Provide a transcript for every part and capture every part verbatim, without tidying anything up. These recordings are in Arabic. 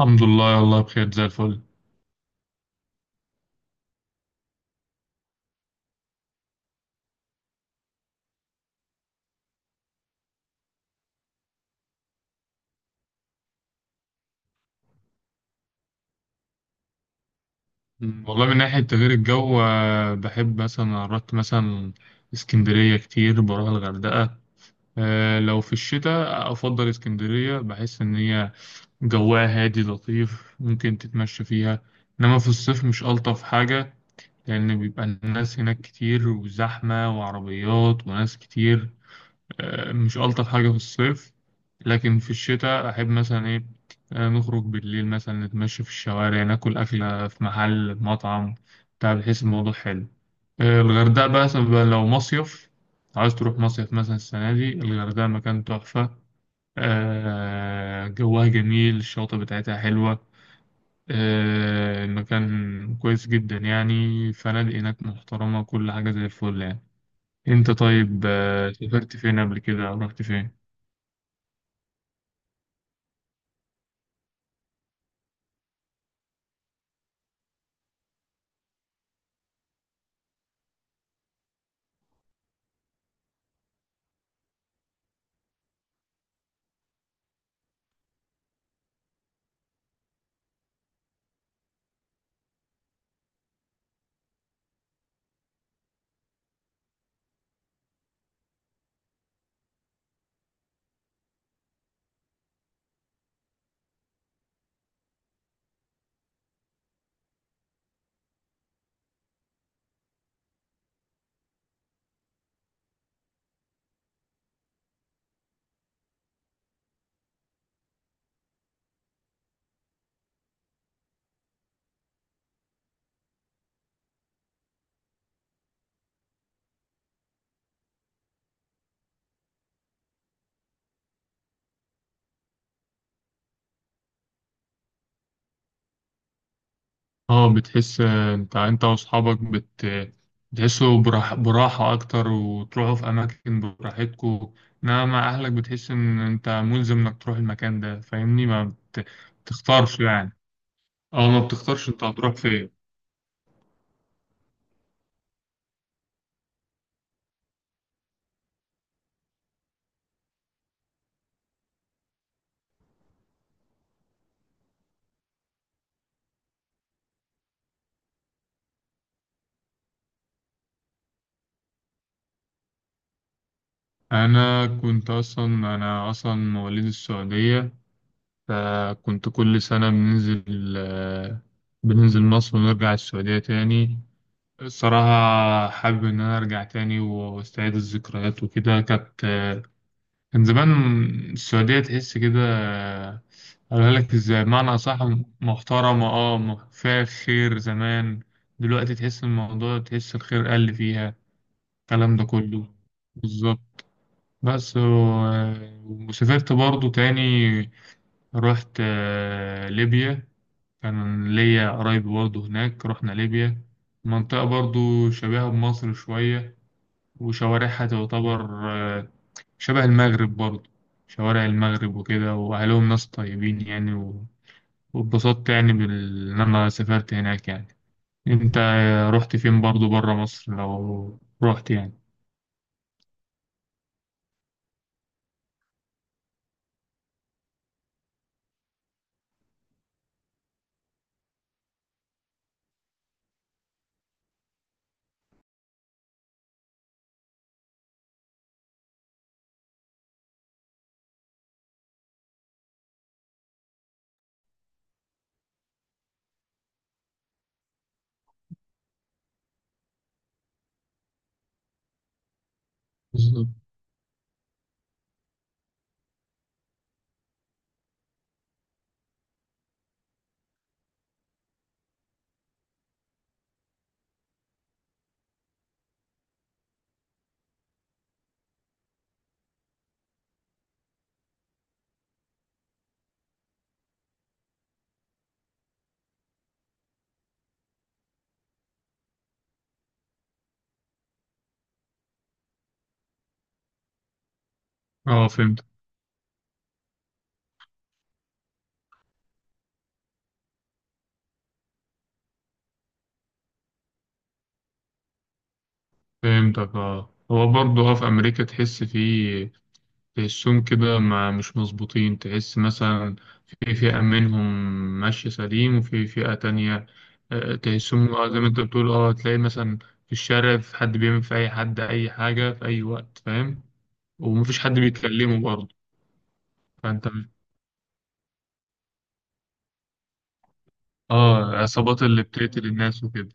الحمد لله، والله بخير زي الفل. مم. والله من ناحية تغيير الجو، آه، بحب مثلا رحت مثلا اسكندرية كتير، بروح الغردقة. آه، لو في الشتاء أفضل اسكندرية، بحس إن هي جواها هادي لطيف، ممكن تتمشى فيها. إنما في الصيف مش ألطف حاجة، لأن بيبقى الناس هناك كتير، وزحمة وعربيات وناس كتير. آه، مش ألطف حاجة في الصيف. لكن في الشتاء أحب مثلا إيه، آه، نخرج بالليل مثلا، نتمشى في الشوارع، ناكل أكلة في محل مطعم بتاع، بحيث الموضوع حلو. آه، الغردقة بقى، مثلا بقى لو مصيف عايز تروح مصيف، مثلا السنة دي الغردقة مكان تحفة. آه، جوها جميل، الشواطئ بتاعتها حلوة. آه، المكان كويس جدا يعني، فنادق هناك محترمة، كل حاجة زي الفل يعني. انت طيب، آه، سافرت فين قبل كده، او رحت فين؟ اه بتحس، انت انت واصحابك بت بتحسوا براح... براحة اكتر، وتروحوا في اماكن براحتكم. انما مع اهلك بتحس ان انت ملزم انك تروح المكان ده، فاهمني؟ ما بت... بتختارش يعني. اه، ما بتختارش انت هتروح فين. انا كنت اصلا انا اصلا مواليد السعودية. فكنت كل سنة بننزل آه، بننزل مصر ونرجع السعودية تاني. الصراحة حابب إن أنا أرجع تاني وأستعيد الذكريات وكده، كانت كان زمان. السعودية تحس كده، قالها لك ازاي معنى أصح، محترمة. اه، م- فيها خير زمان. دلوقتي تحس الموضوع، تحس الخير قل فيها، الكلام ده كله. بالظبط. بس و- وسافرت برضو تاني. رحت آه، ليبيا. كان ليا قرايب برضو هناك، رحنا ليبيا. منطقة برضو شبيهة بمصر شوية، وشوارعها تعتبر آه، شبه المغرب برضه، شوارع المغرب وكده. وأهلهم ناس طيبين يعني، و- واتبسطت يعني بال- إن أنا سافرت هناك يعني. أنت رحت فين برضه برا مصر لو رحت يعني؟ بالظبط. اه، فهمت. فهمتك. اه، هو برضه اه في أمريكا تحس فيه، تحسهم كده مع مش مظبوطين. تحس مثلا في فئة منهم ماشية سليم، وفي فئة تانية آه، تحسهم، آه، زي ما انت بتقول. اه، تلاقي مثلا في الشارع في حد بيعمل في أي حد أي حاجة في أي وقت، فاهم؟ ومفيش حد بيتكلمه برضه. فانت... اه، العصابات اللي بتقتل الناس وكده.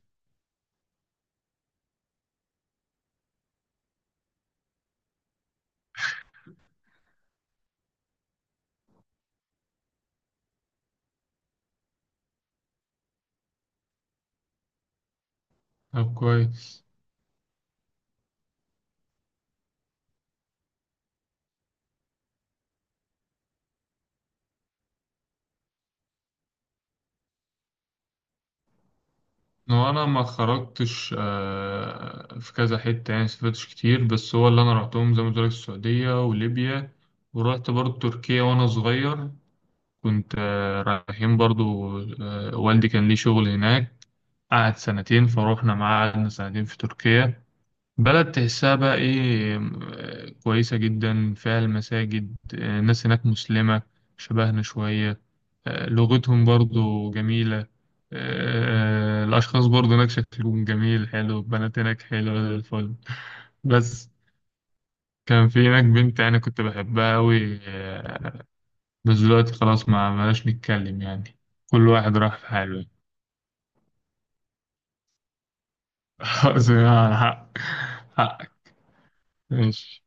طب كويس. هو انا ما خرجتش آه، في كذا حتة، يعني سافرتش كتير، بس هو اللي انا رحتهم زي ما قلت لك السعودية وليبيا. ورحت برضه تركيا وانا صغير. كنت آه، رايحين برضو، آه، والدي كان ليه شغل هناك، قعد سنتين، فروحنا معاه قعدنا سنتين في تركيا. بلد تحسها بقى ايه، آه، كويسة جدا، فيها المساجد. آه، الناس هناك مسلمة شبهنا شوية. آه، لغتهم برضو جميلة. آه، آه، الأشخاص برضو هناك شكلهم جميل حلو، البنات هناك حلوة زي الفل. بس كان في هناك بنت أنا كنت بحبها أوي آه، بس دلوقتي خلاص، ما بلاش نتكلم يعني، كل واحد راح في حاله. خلاص يعني، حق حقك ماشي.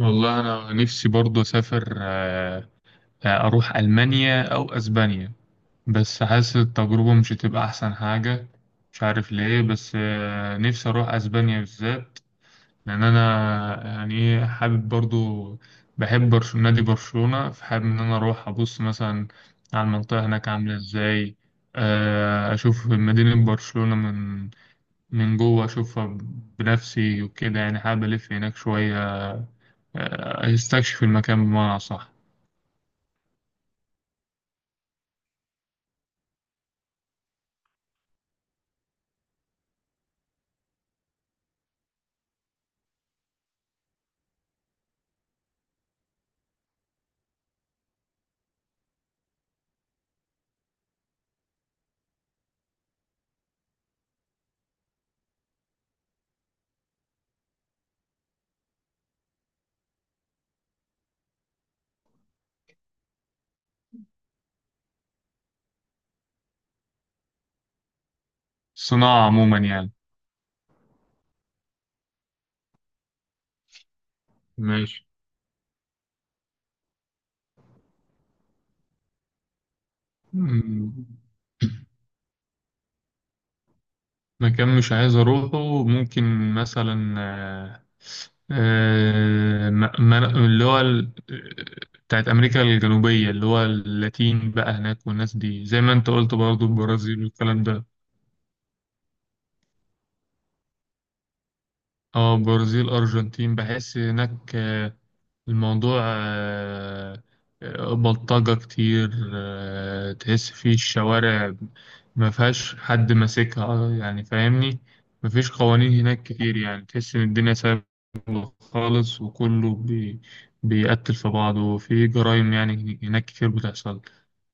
والله أنا نفسي برضه أسافر، آه، آه، أروح ألمانيا أو أسبانيا. بس حاسس التجربة مش هتبقى أحسن حاجة، مش عارف ليه. بس آه، نفسي أروح أسبانيا بالذات، لان انا يعني ايه حابب برضو، بحب برش... نادي برشلونة، فحابب ان انا اروح ابص مثلا على المنطقة هناك عاملة ازاي. آه، اشوف مدينة برشلونة من من جوه، اشوفها بنفسي وكده يعني، حابب الف هناك شوية، آه، استكشف المكان بمعنى صح. الصناعة عموما يعني. ماشي. مكان مش عايز أروحه، ممكن مثلا آه، آه، م- من- اللي هو ال- بتاعت أمريكا الجنوبية، اللي هو اللاتين بقى هناك، والناس دي زي ما أنت قلت برضو، البرازيل والكلام ده. اه، برازيل، ارجنتين، بحس هناك آه، الموضوع آه، آه، بلطجة كتير، آه، تحس فيه الشوارع ما فيهاش حد ماسكها، آه، يعني فاهمني، ما فيش قوانين هناك كتير، يعني تحس ان الدنيا سهلة خالص، وكله بي بيقتل في بعضه، وفي جرائم يعني هناك كتير بتحصل،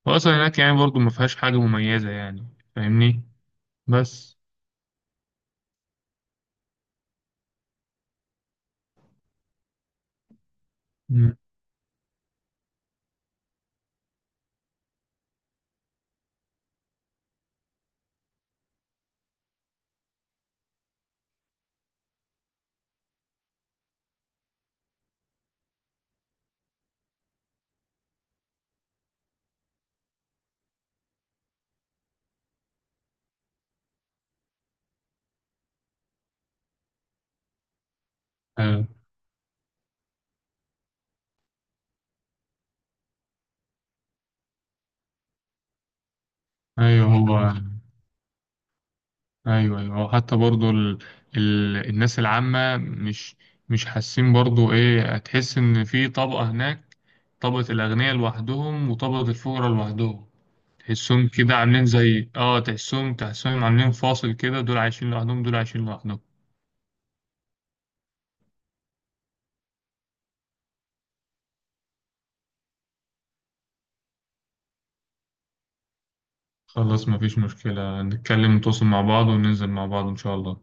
واصلا هناك يعني برضو ما فيهاش حاجة مميزة يعني، فاهمني، بس... مم. ايوه. أيوة، هو ايوه ايوه، او حتى برضو ال... ال... الناس العامه، مش مش حاسين برضو ايه، هتحس ان في طبقه هناك، طبقه الاغنياء لوحدهم وطبقه الفقراء لوحدهم. تحسهم كده عاملين زي اه تحسهم، تحسهم عاملين فاصل كده، دول عايشين لوحدهم، دول عايشين لوحدهم. خلاص مفيش مشكله، نتكلم نتواصل مع بعض، وننزل مع بعض ان شاء الله.